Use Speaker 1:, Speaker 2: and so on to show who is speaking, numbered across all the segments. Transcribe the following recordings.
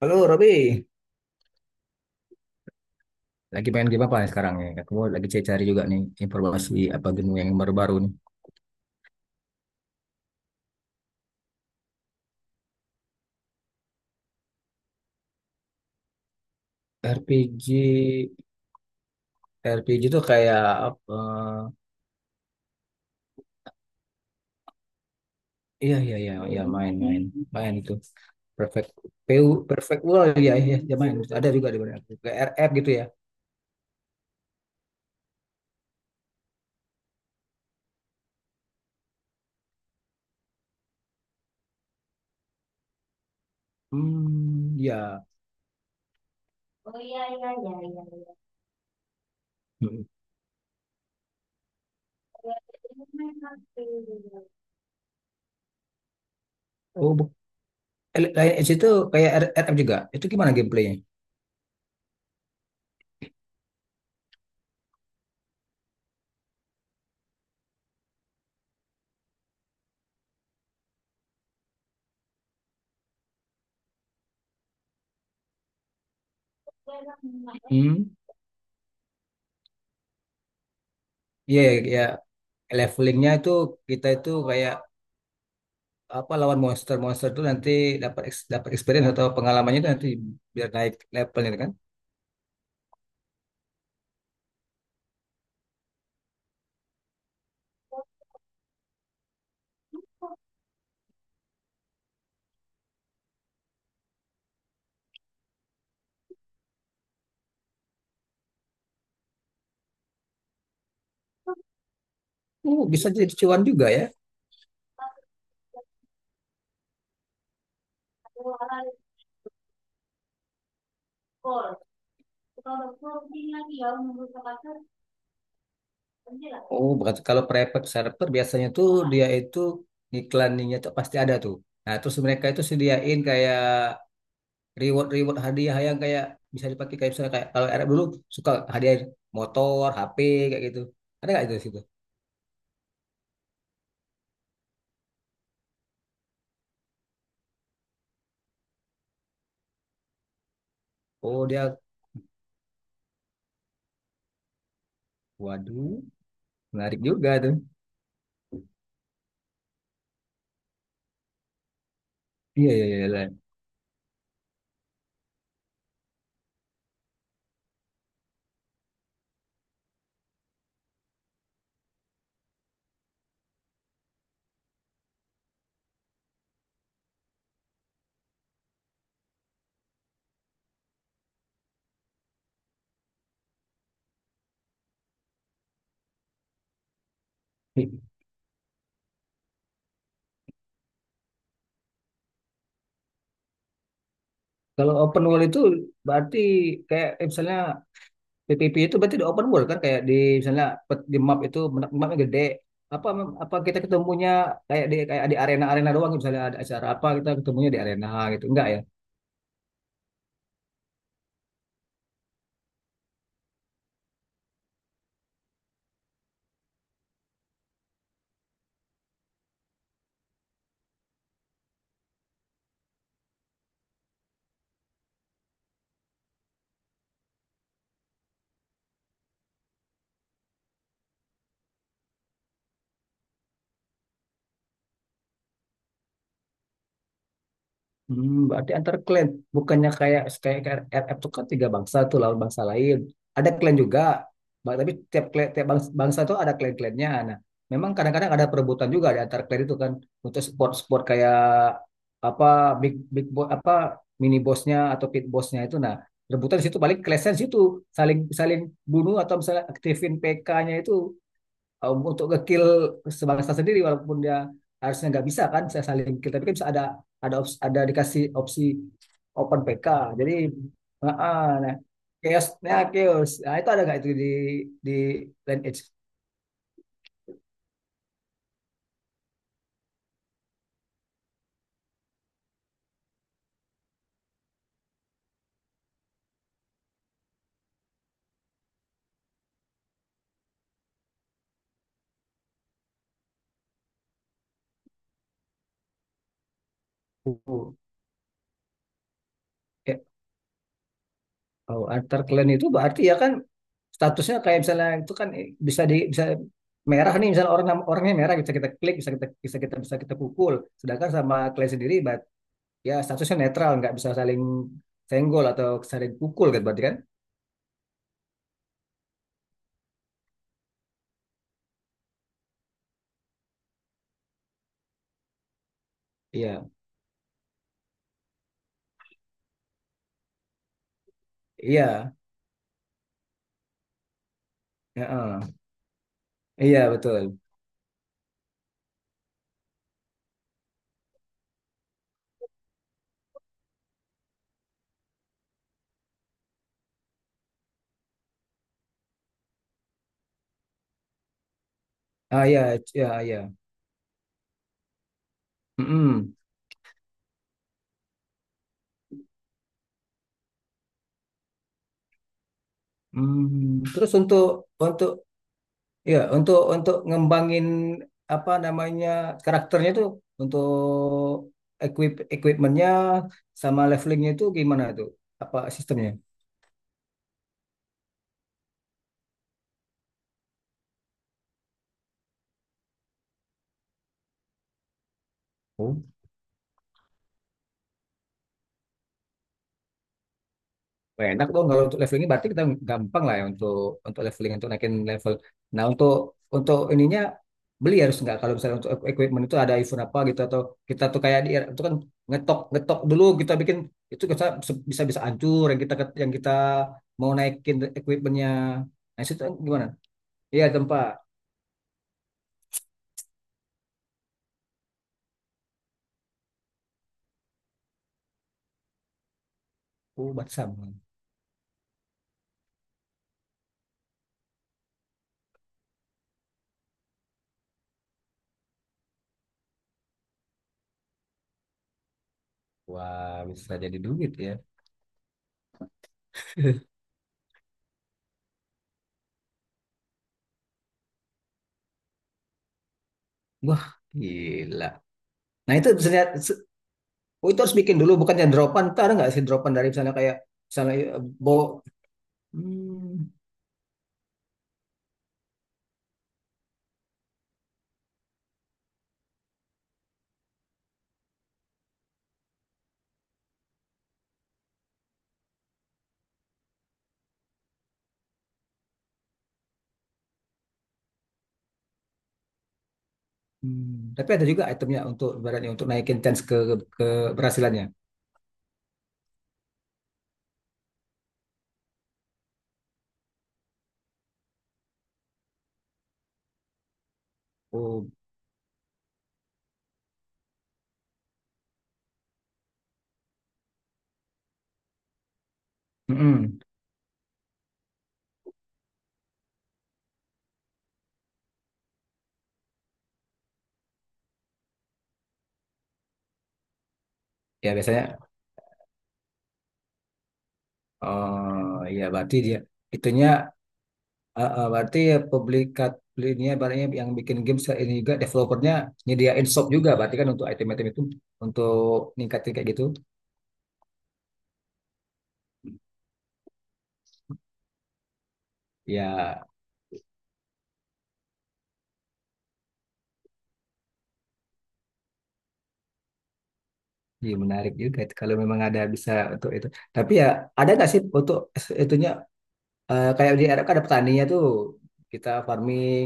Speaker 1: Halo Robi, lagi pengen game apa nih sekarang nih? Aku lagi cari-cari juga nih informasi apa game yang baru-baru nih. RPG, RPG tuh kayak apa? Iya iya iya iya, main itu. Perfect Perfect World, iya iya iya, main ada juga di mana aku kayak RF gitu ya. Hmm, ya. Hmm. Oh bu- Lain Edge itu kayak RF juga. Itu gimana gameplaynya? Hmm, iya iya iya. Levelingnya itu kita itu kayak apa, lawan monster-monster itu nanti dapat experience atau pengalamannya itu nanti biar naik levelnya kan. Oh, bisa jadi cuan juga ya. Oh, berarti kalau private server biasanya tuh dia itu iklaninnya tuh pasti ada tuh. Nah, terus mereka itu sediain kayak reward-reward, hadiah yang kayak bisa dipakai kayak misalnya kayak kalau Arab dulu suka hadiah motor, HP kayak gitu. Ada nggak itu di situ? Oh, dia, waduh, menarik juga tuh. Iya, iya, iya. Iya. Kalau open world itu berarti kayak misalnya PPP itu berarti di open world kan kayak di misalnya di map itu mapnya gede, apa, apa kita ketemunya kayak di arena-arena doang, misalnya ada acara apa kita ketemunya di arena gitu enggak ya? Hmm, berarti antar klan bukannya kayak kayak RF itu kan tiga bangsa tuh lawan bangsa lain. Ada klan juga. Tapi tiap klan, tiap bangsa, tuh ada klan-klannya. Nah, memang kadang-kadang ada perebutan juga di antar klan itu kan untuk sport-sport kayak apa, big big boss apa, mini bossnya atau pit bossnya itu. Nah, rebutan di situ paling clash situ saling saling bunuh, atau misalnya aktifin PK-nya itu untuk ngekill sebangsa sendiri walaupun dia harusnya nggak bisa kan saya saling kill, tapi kan bisa ada opsi, ada dikasih opsi open PK, jadi ah, ah, nah, chaosnya nah itu ada nggak itu di Land Edge? Oh. Eh, oh, antar clan itu berarti ya kan statusnya kayak misalnya itu kan bisa di bisa merah nih, misalnya orang orangnya merah bisa kita klik, bisa kita bisa kita bisa kita pukul, sedangkan sama clan sendiri ya statusnya netral, nggak bisa saling senggol atau saling pukul gitu berarti kan? Iya iya, heeh. Iya betul. Ah, iya iya iya. Mm-mm. Hmm, terus untuk, ya untuk ngembangin apa namanya, karakternya itu untuk equipmentnya sama levelingnya itu gimana tuh, apa sistemnya? Wah, enak dong kalau untuk levelingnya, berarti kita gampang lah ya untuk leveling, untuk naikin level. Nah untuk ininya, beli harus nggak kalau misalnya untuk equipment itu ada event apa gitu, atau kita tuh kayak di itu kan ngetok ngetok dulu kita bikin itu bisa bisa bisa hancur yang kita mau naikin equipmentnya. Nah itu gimana? Iya tempat. Oh Batam. Wah, bisa jadi duit ya. Wah, gila. Nah itu misalnya, oh, itu harus bikin dulu, bukannya dropan. Ntar ada nggak sih dropan dari misalnya kayak, misalnya hmm, hmm. Tapi ada juga itemnya untuk, ibaratnya untuk naikin chance ke keberhasilannya. Oh, mm-mm. Ya biasanya, oh ya berarti dia, itunya, berarti ya publikat, ini ibaratnya yang bikin ini juga developernya nyediain shop juga, berarti kan untuk item-item itu untuk ningkatin kayak gitu. Ya, iya menarik juga itu kalau memang ada bisa untuk itu. Tapi ya ada nggak sih untuk itunya, kayak di Arab kan ada petaninya tuh, kita farming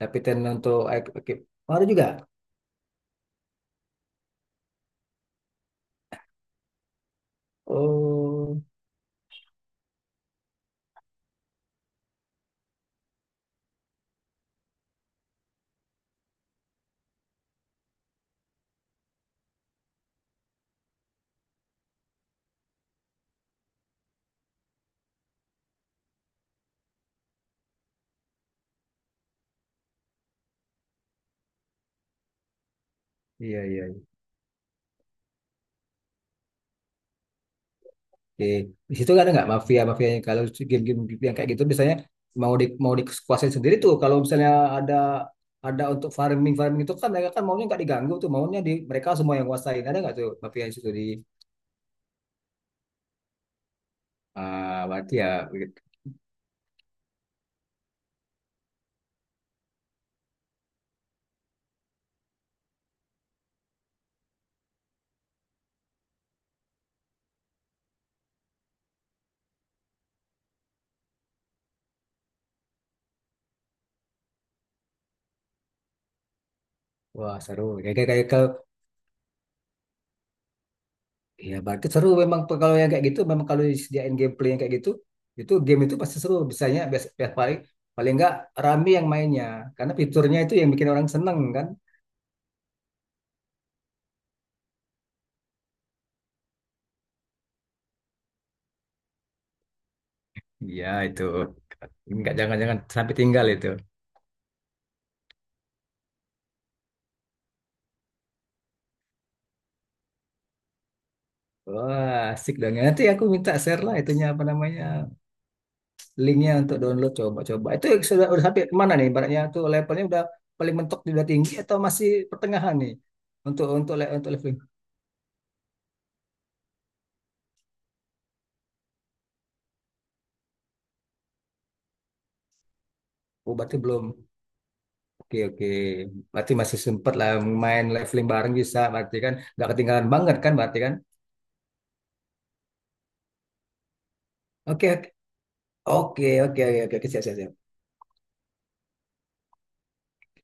Speaker 1: dapetin untuk ekip, ada juga. Oh iya iya, oke, di situ kan ada nggak mafia mafia yang kalau si game-game yang kayak gitu biasanya mau di mau dikuasain sendiri tuh kalau misalnya ada ada untuk farming farming itu kan mereka kan maunya nggak diganggu tuh maunya di mereka semua yang kuasain, ada nggak tuh mafia di situ di? Ah berarti ya begitu. Wah seru, kayak kayak kayak iya, berarti seru memang kalau yang kayak gitu, memang kalau disediain gameplay yang kayak gitu, itu game itu pasti seru. Biasanya bias, bias- paling paling nggak rame yang mainnya, karena fiturnya itu yang bikin orang seneng kan. Iya itu. Nggak, jangan-jangan sampai tinggal itu. Wah, asik dong. Ya, nanti aku minta share lah itunya apa namanya, linknya, untuk download coba-coba. Itu sudah udah sampai mana nih? Ibaratnya tuh levelnya udah paling mentok udah tinggi atau masih pertengahan nih untuk untuk leveling? Oh, berarti belum. Oke oke, berarti masih sempet lah main leveling bareng bisa, berarti kan nggak ketinggalan banget kan, berarti kan? Oke oke oke oke oke oke, siap siap siap.